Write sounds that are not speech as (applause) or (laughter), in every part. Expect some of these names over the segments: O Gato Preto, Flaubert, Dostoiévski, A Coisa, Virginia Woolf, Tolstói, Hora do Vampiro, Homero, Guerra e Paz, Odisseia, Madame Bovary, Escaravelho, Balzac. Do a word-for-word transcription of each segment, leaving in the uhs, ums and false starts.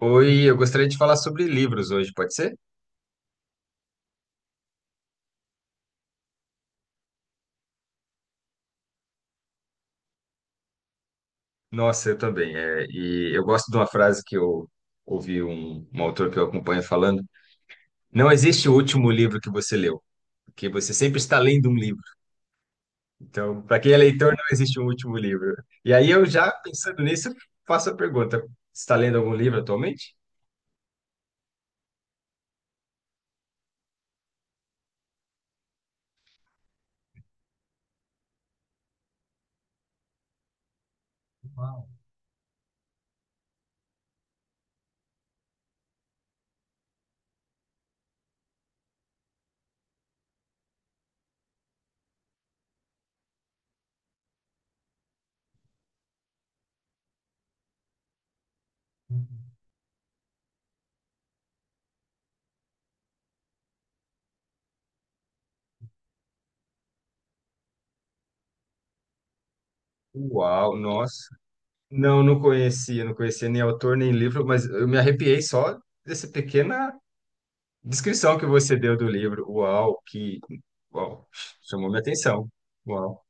Oi, eu gostaria de falar sobre livros hoje, pode ser? Nossa, eu também. É, e eu gosto de uma frase que eu ouvi um, um autor que eu acompanho falando: não existe o último livro que você leu, porque você sempre está lendo um livro. Então, para quem é leitor, não existe um último livro. E aí eu já pensando nisso, faço a pergunta: você está lendo algum livro atualmente? Uau. Uau, nossa. Não, não conhecia, não conhecia nem autor nem livro, mas eu me arrepiei só dessa pequena descrição que você deu do livro. Uau, que uau, chamou minha atenção. Uau.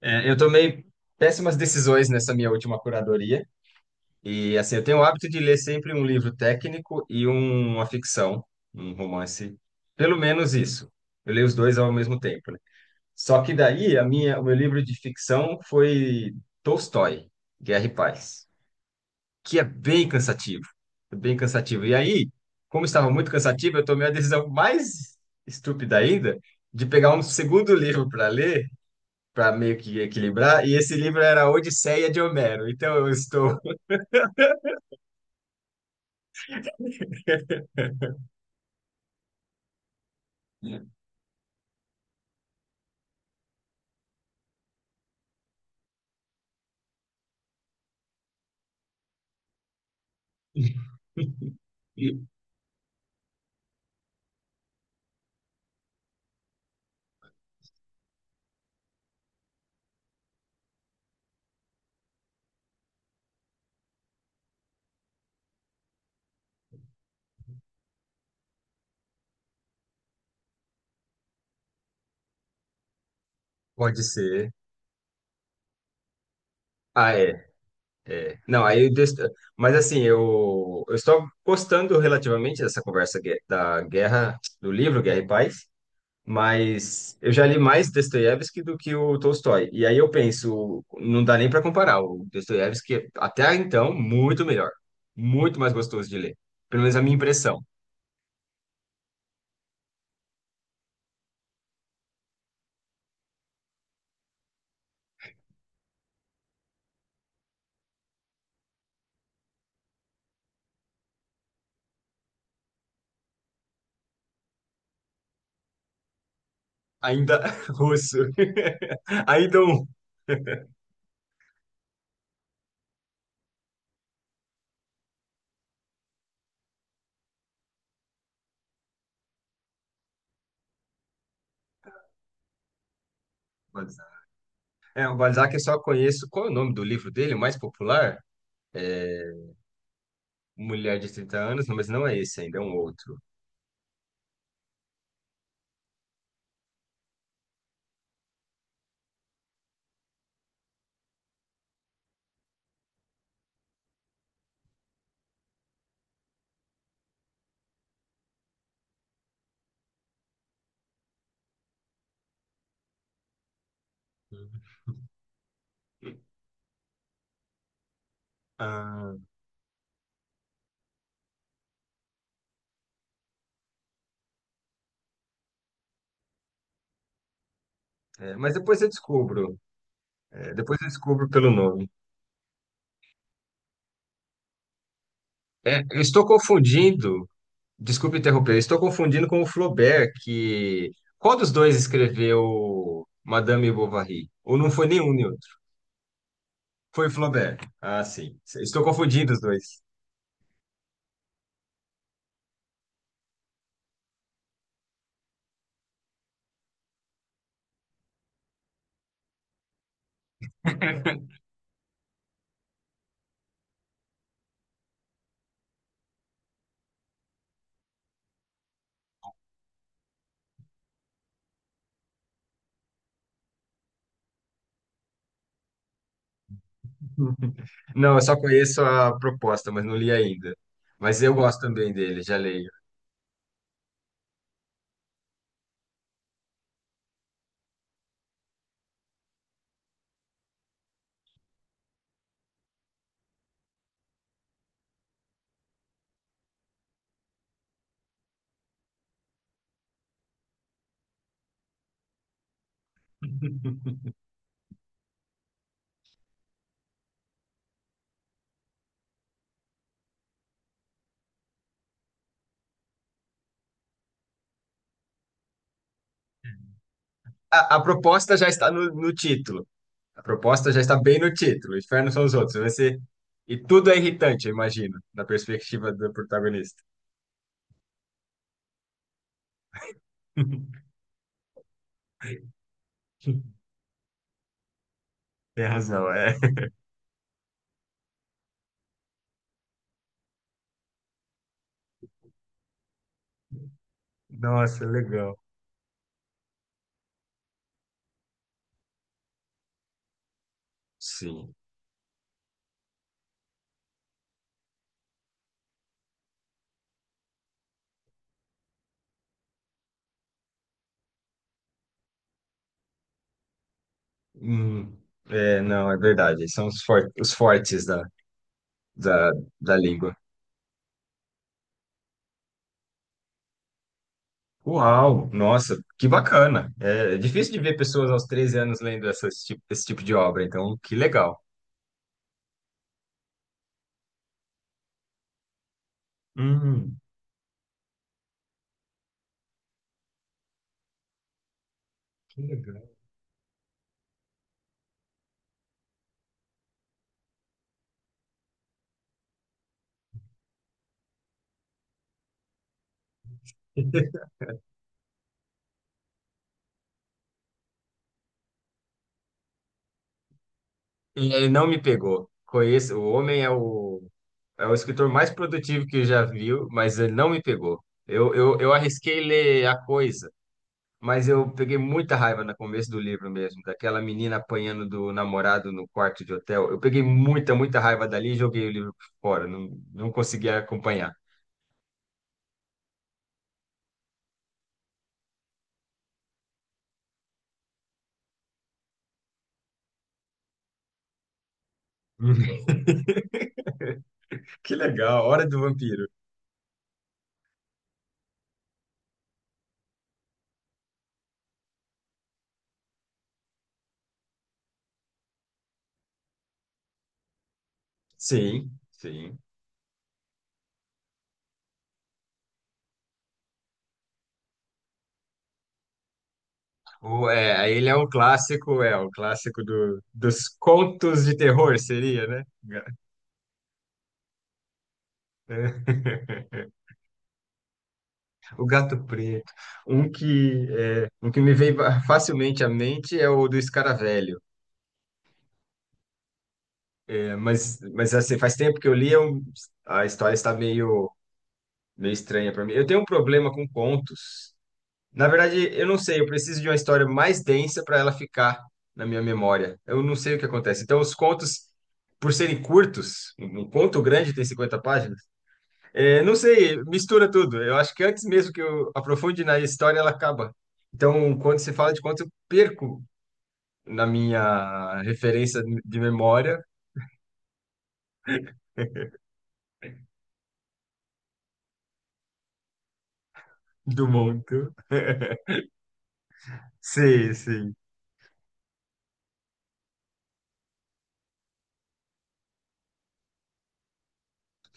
É, eu tomei péssimas decisões nessa minha última curadoria. E assim, eu tenho o hábito de ler sempre um livro técnico e um- uma ficção, um romance. Pelo menos isso. Eu leio os dois ao mesmo tempo, né? Só que daí a minha, o meu livro de ficção foi Tolstói, Guerra e Paz, que é bem cansativo. É bem cansativo. E aí, como estava muito cansativo, eu tomei a decisão mais estúpida ainda de pegar um segundo livro para ler, para meio que equilibrar, e esse livro era A Odisseia de Homero. Então eu estou. (laughs) Pode ser. Ah, é, é. Não, aí eu... des- mas assim, eu... eu estou gostando relativamente dessa conversa gue- da guerra, do livro Guerra e Paz. Mas eu já li mais Dostoiévski do que o Tolstói. E aí eu penso, não dá nem para comparar. O Dostoiévski, até então, muito melhor. Muito mais gostoso de ler. Pelo menos a minha impressão. Ainda (laughs) russo. (laughs) Ainda um. Balzac. É, o Balzac eu só conheço. Qual é o nome do livro dele, o mais popular? É Mulher de trinta anos, não, mas não é esse ainda, é um outro. Ah, é, mas depois eu descubro. É, depois eu descubro pelo nome. É, eu estou confundindo. Desculpe interromper, eu estou confundindo com o Flaubert, que... qual dos dois escreveu Madame Bovary? Ou não foi nenhum nem outro? Foi Flaubert. Ah, sim. Estou confundindo os dois. (laughs) Não, eu só conheço a proposta, mas não li ainda. Mas eu gosto também dele, já leio. (laughs) A, a proposta já está no, no título. A proposta já está bem no título. O inferno são os outros. Vai ser... E tudo é irritante, eu imagino, da perspectiva do protagonista. (laughs) Tem razão, é. Nossa, legal. Sim. Hum, é, não, é verdade. São os, for- os fortes da, da, da língua. Uau, nossa, que bacana. É, é difícil de ver pessoas aos treze anos lendo essas, ti- esse tipo de obra, então que legal. Hum, que legal. (laughs) E ele não me pegou. Conheço, o homem é o, é o escritor mais produtivo que eu já viu, mas ele não me pegou. Eu, eu, eu arrisquei ler A Coisa, mas eu peguei muita raiva no começo do livro mesmo, daquela menina apanhando do namorado no quarto de hotel. Eu peguei muita, muita raiva dali e joguei o livro fora. Não, não consegui acompanhar. (laughs) Que legal, Hora do Vampiro. Sim, sim. O, é, ele é um clássico, é, um clássico do, dos contos de terror, seria, né? Ga- (laughs) O Gato Preto. Um que, é, um que me veio facilmente à mente é o do Escaravelho. Mas, mas assim, faz tempo que eu li, eu- a história está meio, meio estranha para mim. Eu tenho um problema com contos. Na verdade, eu não sei, eu preciso de uma história mais densa para ela ficar na minha memória. Eu não sei o que acontece. Então, os contos, por serem curtos, um um conto grande tem cinquenta páginas, é, não sei, mistura tudo. Eu acho que antes mesmo que eu aprofunde na história, ela acaba. Então, quando se fala de conto, eu perco na minha referência de memória do mundo. Sim, sim.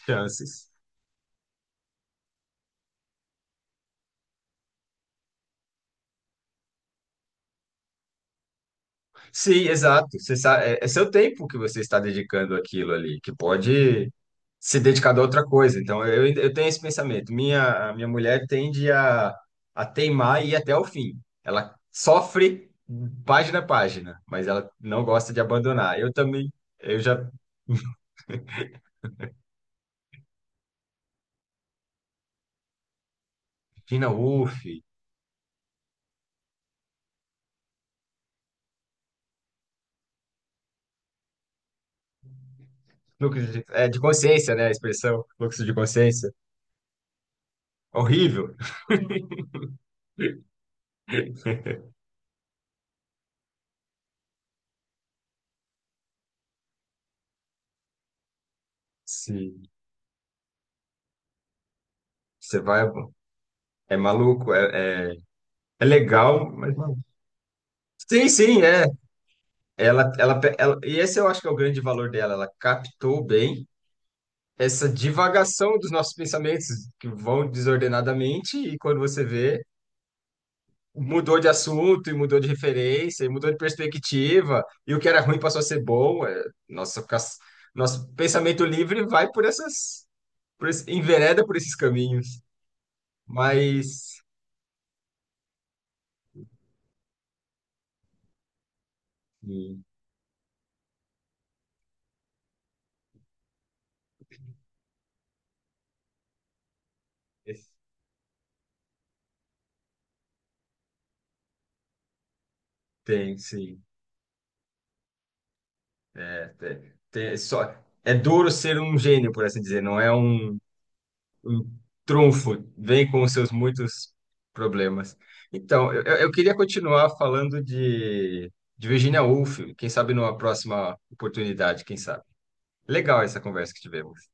Chances. Sim, exato. Você sabe, é, é seu tempo que você está dedicando àquilo ali, que pode se dedicar a outra coisa. Então, eu, ainda- eu tenho esse pensamento. Minha, a minha mulher tende a, a teimar e ir até o fim. Ela sofre página a página, mas ela não gosta de abandonar. Eu também, eu já. Imagina, uff, lucro de, é, de consciência, né? A expressão fluxo de consciência. Horrível. (laughs) Sim, você vai. É maluco, é, é, é legal, mas. Sim, sim, é. Ela, ela, pe- ela, e esse eu acho que é o grande valor dela. Ela captou bem essa divagação dos nossos pensamentos que vão desordenadamente e quando você vê, mudou de assunto e mudou de referência e mudou de perspectiva e o que era ruim passou a ser bom. É, nossa, fica- nosso pensamento livre vai por essas, por esse, envereda por esses caminhos. Mas sim, esse- tem, sim. É, tem, tem, só, é duro ser um gênio, por assim dizer. Não é um o trunfo vem com os seus muitos problemas. Então, eu, eu eu queria continuar falando de, de Virginia Woolf, quem sabe numa próxima oportunidade, quem sabe. Legal essa conversa que tivemos.